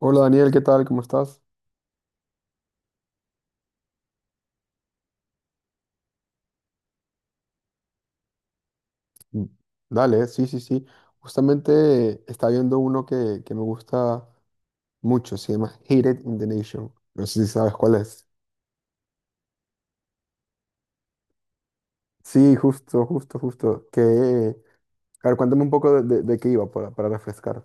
Hola Daniel, ¿qué tal? ¿Cómo estás? Mm. Dale, sí, sí, sí. Justamente está viendo uno que me gusta mucho, se llama Hated in the Nation. No sé si sabes cuál es. Sí, justo, justo, justo. A ver, cuéntame un poco de qué iba para refrescar.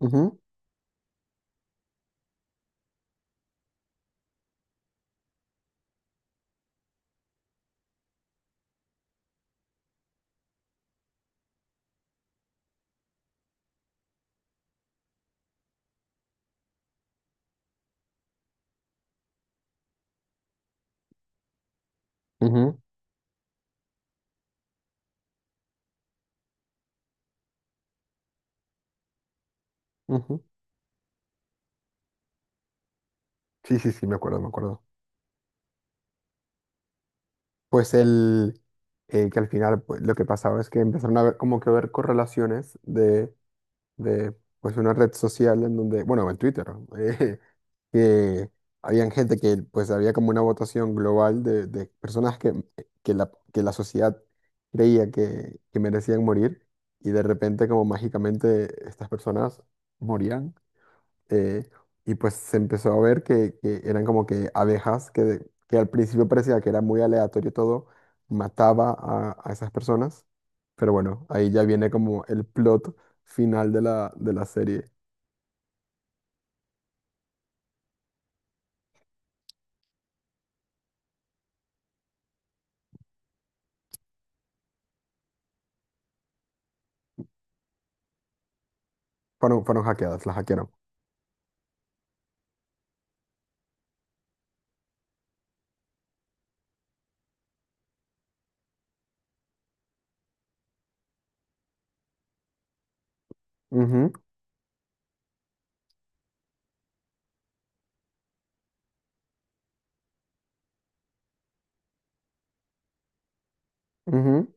Ujú, ujú, ujú. Sí, sí, sí, me acuerdo, me acuerdo. Pues que al final pues, lo que pasaba es que empezaron a ver como que ver correlaciones de pues una red social en donde, bueno, en Twitter, eh, que habían gente que pues había como una votación global de personas que la sociedad creía que merecían morir y de repente como mágicamente estas personas morían eh, y pues se empezó a ver que eran como que abejas que, de- que al principio parecía que era muy aleatorio todo, mataba a esas personas pero bueno, ahí ya viene como el plot final de de la serie. Fueron, fueron hackeadas, las hackearon. Ujú, ujú,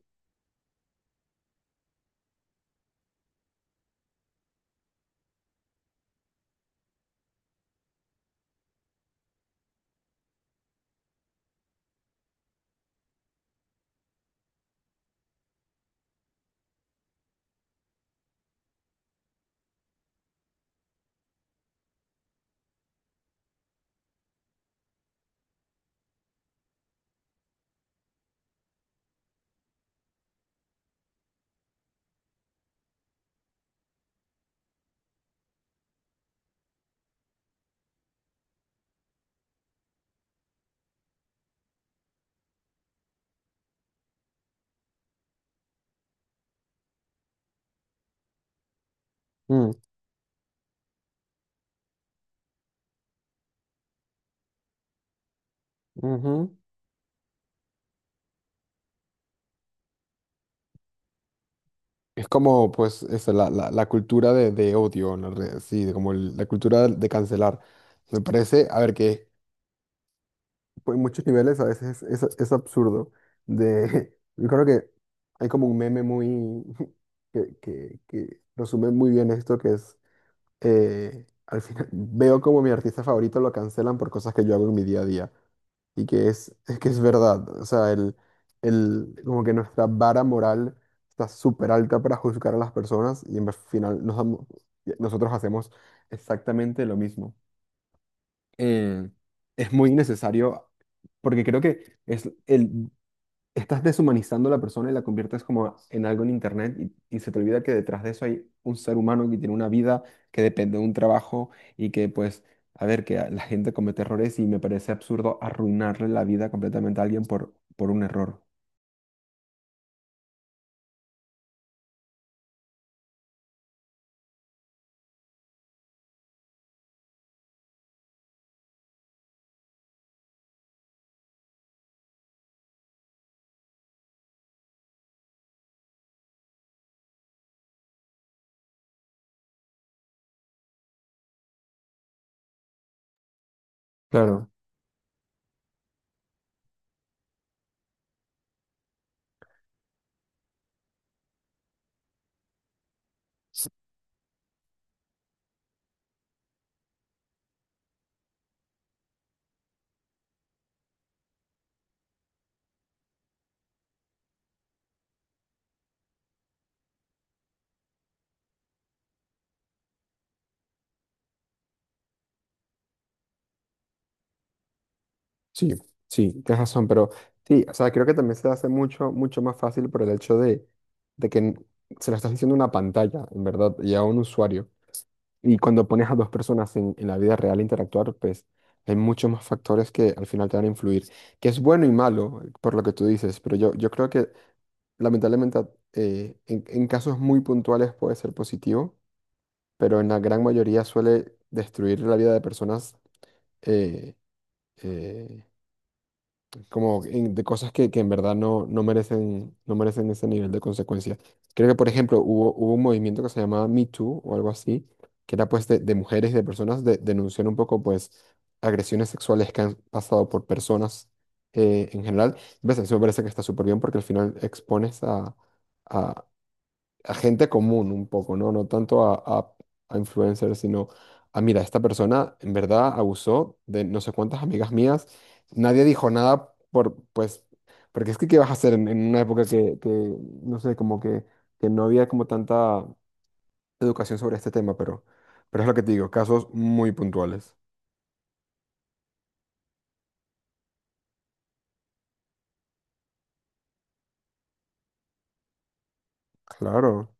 mm, ujú. Es como, pues, eso, la cultura de odio, en la red, sí, de como el- la cultura de cancelar. Me parece, a ver, que pues, en muchos niveles a veces es absurdo. De, yo creo que hay como un meme muy que resume muy bien esto, que es al final veo como mi artista favorito lo cancelan por cosas que yo hago en mi día a día. Y que es, es que es verdad. O sea, como que nuestra vara moral está súper alta para juzgar a las personas y en vez- al final nos damos- nosotros hacemos exactamente lo mismo. Eh, es muy innecesario porque creo que es el, estás deshumanizando a la persona y la conviertes como en algo en internet y se te olvida que detrás de eso hay un ser humano que tiene una vida, que depende de un trabajo y que pues, a ver, que la gente comete errores y me parece absurdo arruinarle la vida completamente a alguien por un error. Claro, s- sí, sí, tienes razón, pero sí, o sea, creo que también se hace mucho, mucho más fácil por el hecho de que n- se lo estás diciendo a una pantalla, en verdad, y a un usuario. Y cuando pones a dos personas en la vida real a interactuar, pues hay muchos más factores que al final te van a influir, que es bueno y malo, por lo que tú dices, pero yo creo que lamentablemente a- en casos muy puntuales puede ser positivo, pero en la gran mayoría suele destruir la vida de personas eh, eh, como en- de cosas que en verdad no, no merecen, no merecen ese nivel de consecuencia. Creo que, por ejemplo, hubo, hubo un movimiento que se llamaba Me Too o algo así, que era pues de mujeres y de personas de, denunciar un poco pues agresiones sexuales que han pasado por personas en general. ¿Ves? Eso me parece que está súper bien porque al final expones a, a gente común un poco, ¿no? No tanto a influencers, sino a, mira, esta persona en verdad abusó de no sé cuántas amigas mías. Nadie dijo nada por, pues, porque es que ¿qué vas a hacer en una época no sé, como que no había como tanta educación sobre este tema, pero es lo que te digo, casos muy puntuales. Claro.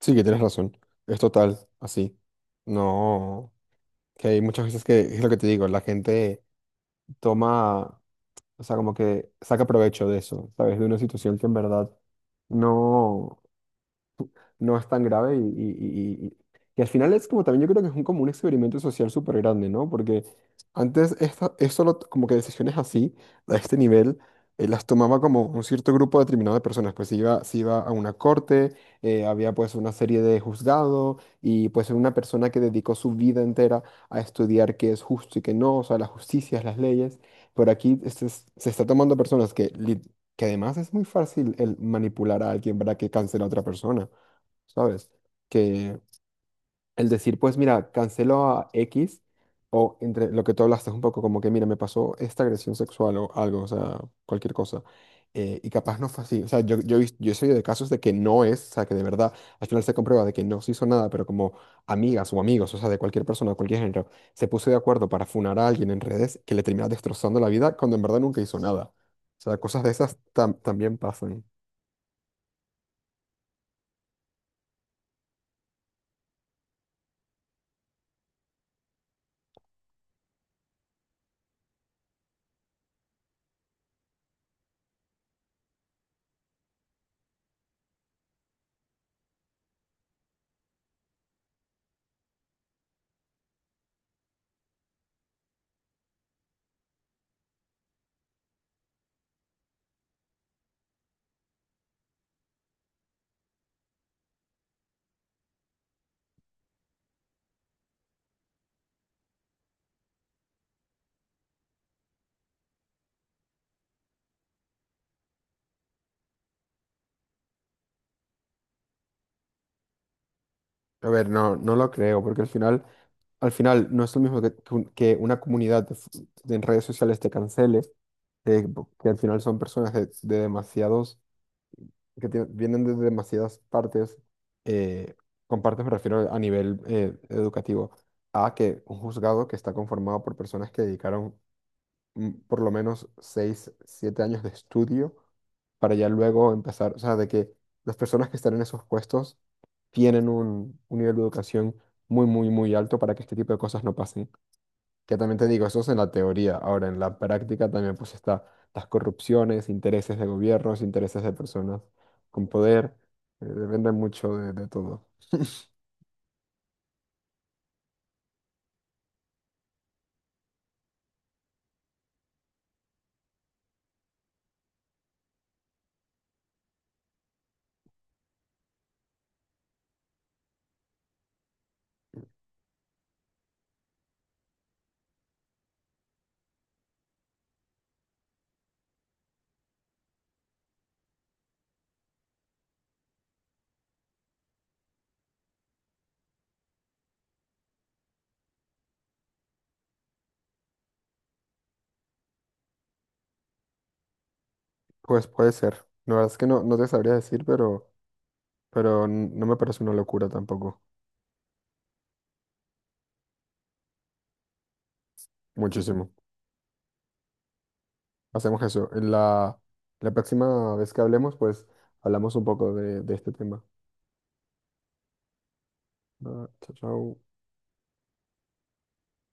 Sí, que tienes razón. Es total, así. No, que hay muchas veces que es lo que te digo, la gente toma. O sea, como que saca provecho de eso, ¿sabes? De una situación que en verdad no, no es tan grave y al final es como también yo creo que es un, como un experimento social súper grande, ¿no? Porque antes esto, es solo t- como que decisiones así, a este nivel, las tomaba como un cierto grupo determinado de personas, pues se iba a una corte, había pues una serie de juzgados y pues una persona que dedicó su vida entera a estudiar qué es justo y qué no, o sea, las justicias, las leyes, pero aquí este es- se está tomando personas que... lit- que además es muy fácil el manipular a alguien para que cancele a otra persona. ¿Sabes? Que el decir, pues mira, cancelo a X, o entre lo que tú hablaste un poco, como que mira, me pasó esta agresión sexual o algo, o sea, cualquier cosa. Y capaz no fue así, o sea, he vis- yo he sabido de casos de que no es, o sea, que de verdad, al final se comprueba de que no se hizo nada, pero como amigas o amigos, o sea, de cualquier persona, de cualquier género, se puso de acuerdo para funar a alguien en redes que le termina destrozando la vida cuando en verdad nunca hizo nada. O sea, cosas de esas tam- también pasan. A ver, no, no lo creo, porque al final no es lo mismo que un- que una comunidad de, f- de en redes sociales te cancele, po- que al final son personas de demasiados, que tie- vienen de demasiadas partes, eh, con partes me refiero a nivel educativo, a que un juzgado que está conformado por personas que dedicaron por lo menos 6 7 años de estudio para ya luego empezar, o sea, de que las personas que están en esos puestos tienen un nivel de educación muy, muy, muy alto para que este tipo de cosas no pasen. Que también te digo, eso es en la teoría. Ahora, en la práctica también pues está las corrupciones, intereses de gobiernos, intereses de personas con poder. Depende mucho de todo. Pues puede ser. La verdad es que no, no te sabría decir, pero n- no me parece una locura tampoco. Muchísimo. Hacemos eso. En la próxima vez que hablemos, pues hablamos un poco de este tema. Ah, chao, chao.